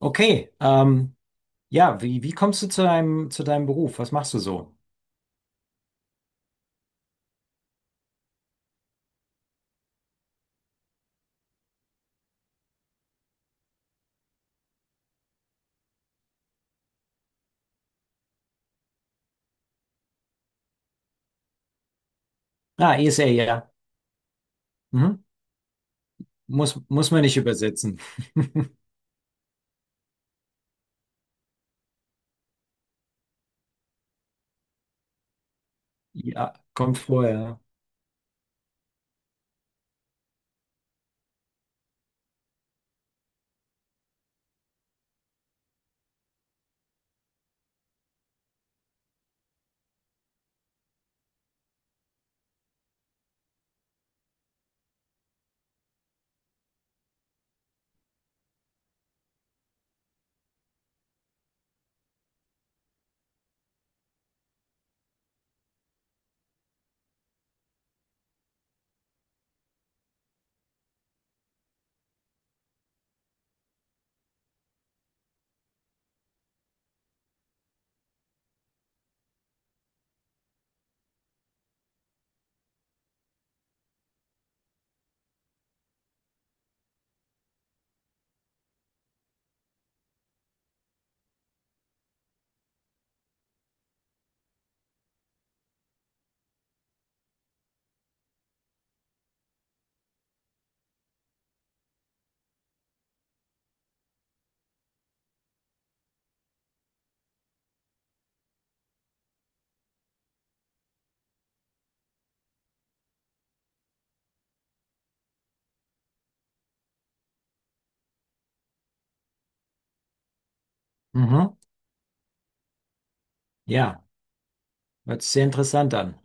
Okay, ja, wie kommst du zu deinem Beruf? Was machst du so? Ah, ESL, ja. Mhm. Muss man nicht übersetzen. Ja, kommt vorher. Mhm. Ja, hört sich sehr interessant an.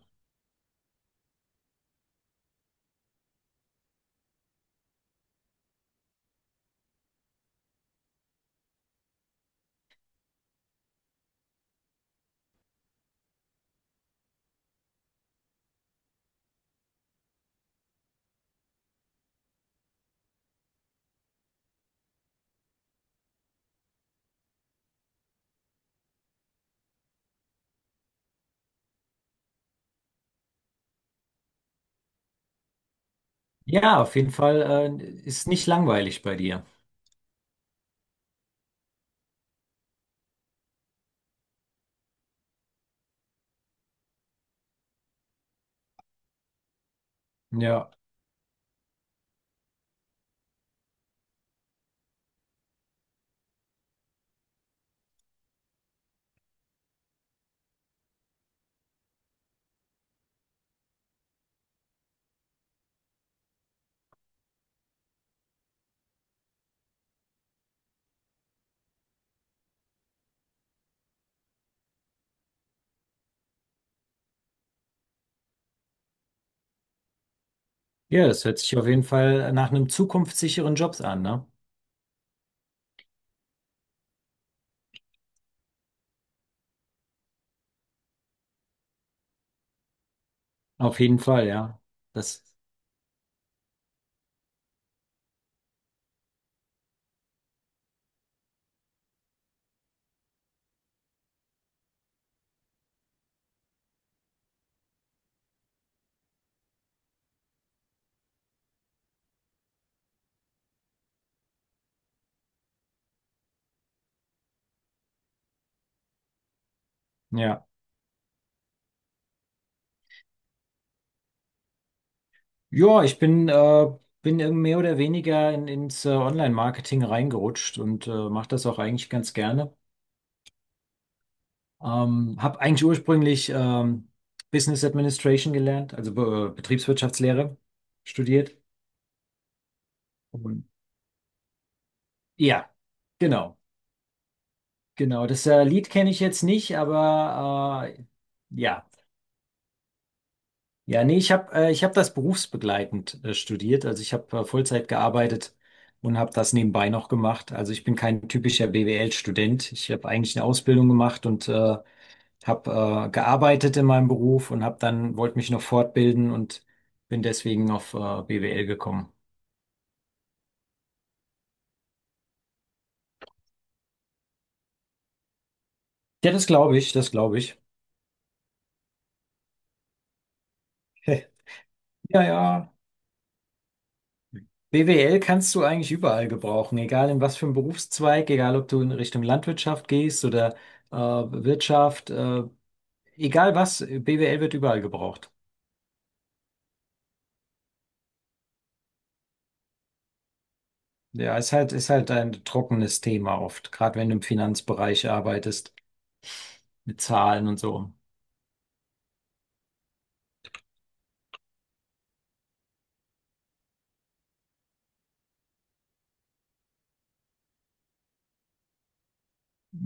Ja, auf jeden Fall, ist nicht langweilig bei dir. Ja. Ja, das hört sich auf jeden Fall nach einem zukunftssicheren Job an, ne? Auf jeden Fall, ja. Das, ja. Ja, ich bin irgendwie mehr oder weniger ins Online-Marketing reingerutscht und mache das auch eigentlich ganz gerne. Habe eigentlich ursprünglich Business Administration gelernt, also Be Betriebswirtschaftslehre studiert. Und, ja, genau, genau. Das Lied kenne ich jetzt nicht, aber ja. Ja, nee, ich hab das berufsbegleitend studiert. Also ich habe Vollzeit gearbeitet und habe das nebenbei noch gemacht. Also ich bin kein typischer BWL-Student. Ich habe eigentlich eine Ausbildung gemacht und habe gearbeitet in meinem Beruf und habe dann wollte mich noch fortbilden und bin deswegen auf BWL gekommen. Ja, das glaube ich, das glaube ich. Ja, ja. BWL kannst du eigentlich überall gebrauchen, egal in was für einem Berufszweig, egal ob du in Richtung Landwirtschaft gehst oder Wirtschaft. Egal was, BWL wird überall gebraucht. Ja, ist halt ein trockenes Thema oft, gerade wenn du im Finanzbereich arbeitest, mit Zahlen und so.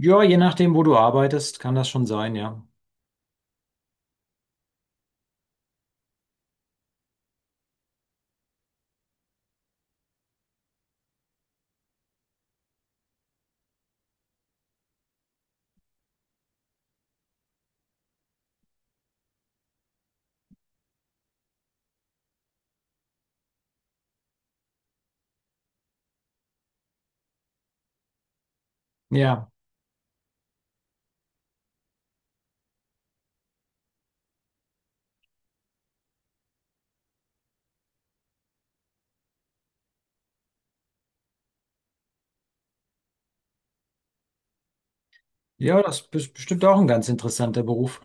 Ja, je nachdem, wo du arbeitest, kann das schon sein, ja. Ja, ja, das ist bestimmt auch ein ganz interessanter Beruf.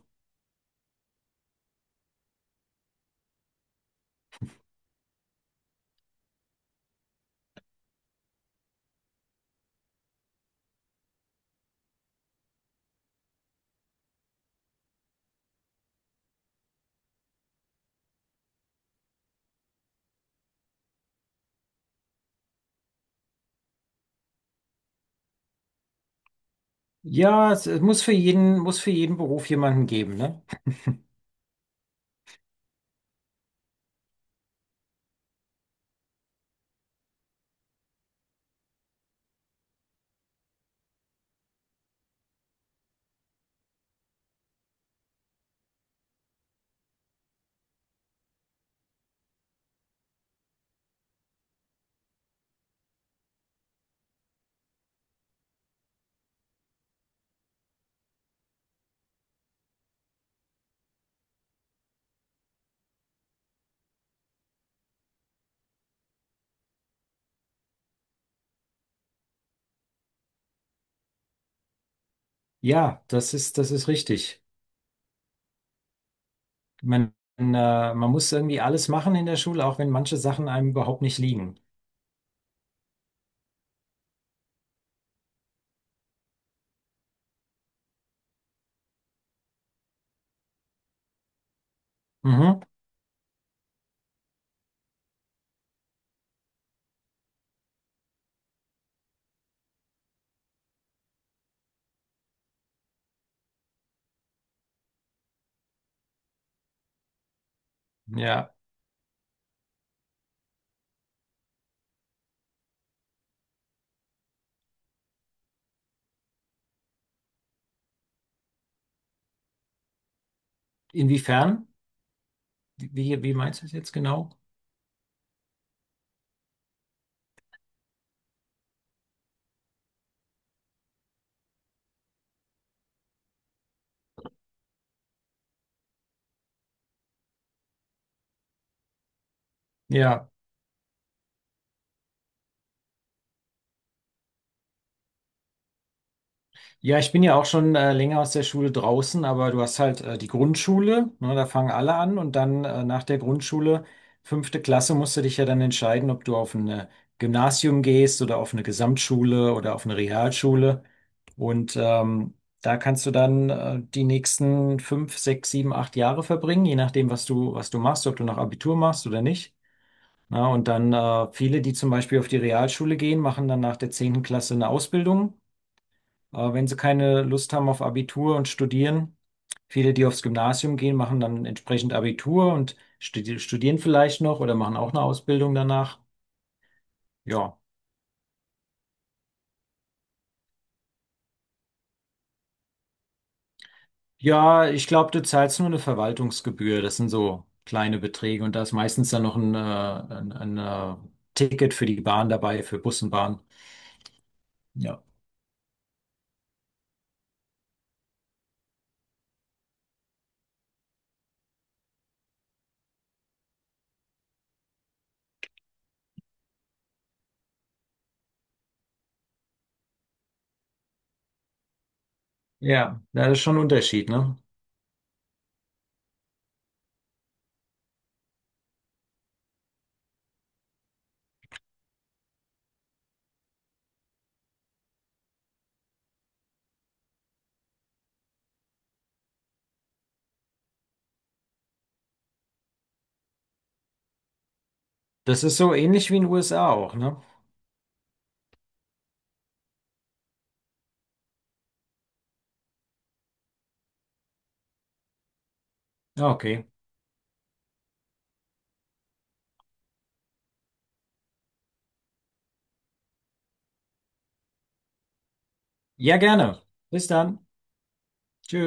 Ja, es muss für jeden Beruf jemanden geben, ne? Ja, das ist richtig. Man, äh, Man muss irgendwie alles machen in der Schule, auch wenn manche Sachen einem überhaupt nicht liegen. Mhm. Ja, inwiefern? Wie meinst du es jetzt genau? Ja, ja, ich bin ja auch schon länger aus der Schule draußen, aber du hast halt die Grundschule, ne, da fangen alle an und dann nach der Grundschule, fünfte Klasse, musst du dich ja dann entscheiden, ob du auf ein Gymnasium gehst oder auf eine Gesamtschule oder auf eine Realschule. Und da kannst du dann die nächsten 5, 6, 7, 8 Jahre verbringen, je nachdem, was du machst, ob du noch Abitur machst oder nicht. Na, und dann viele, die zum Beispiel auf die Realschule gehen, machen dann nach der 10. Klasse eine Ausbildung. Wenn sie keine Lust haben auf Abitur und studieren, viele, die aufs Gymnasium gehen, machen dann entsprechend Abitur und studieren vielleicht noch oder machen auch eine Ausbildung danach. Ja. Ja, ich glaube, du zahlst nur eine Verwaltungsgebühr. Das sind so kleine Beträge und da ist meistens dann noch ein Ticket für die Bahn dabei, für Bus und Bahn. Ja. Ja, da ist schon ein Unterschied, ne? Das ist so ähnlich wie in den USA auch, ne? Ja, okay. Ja, gerne. Bis dann. Tschö.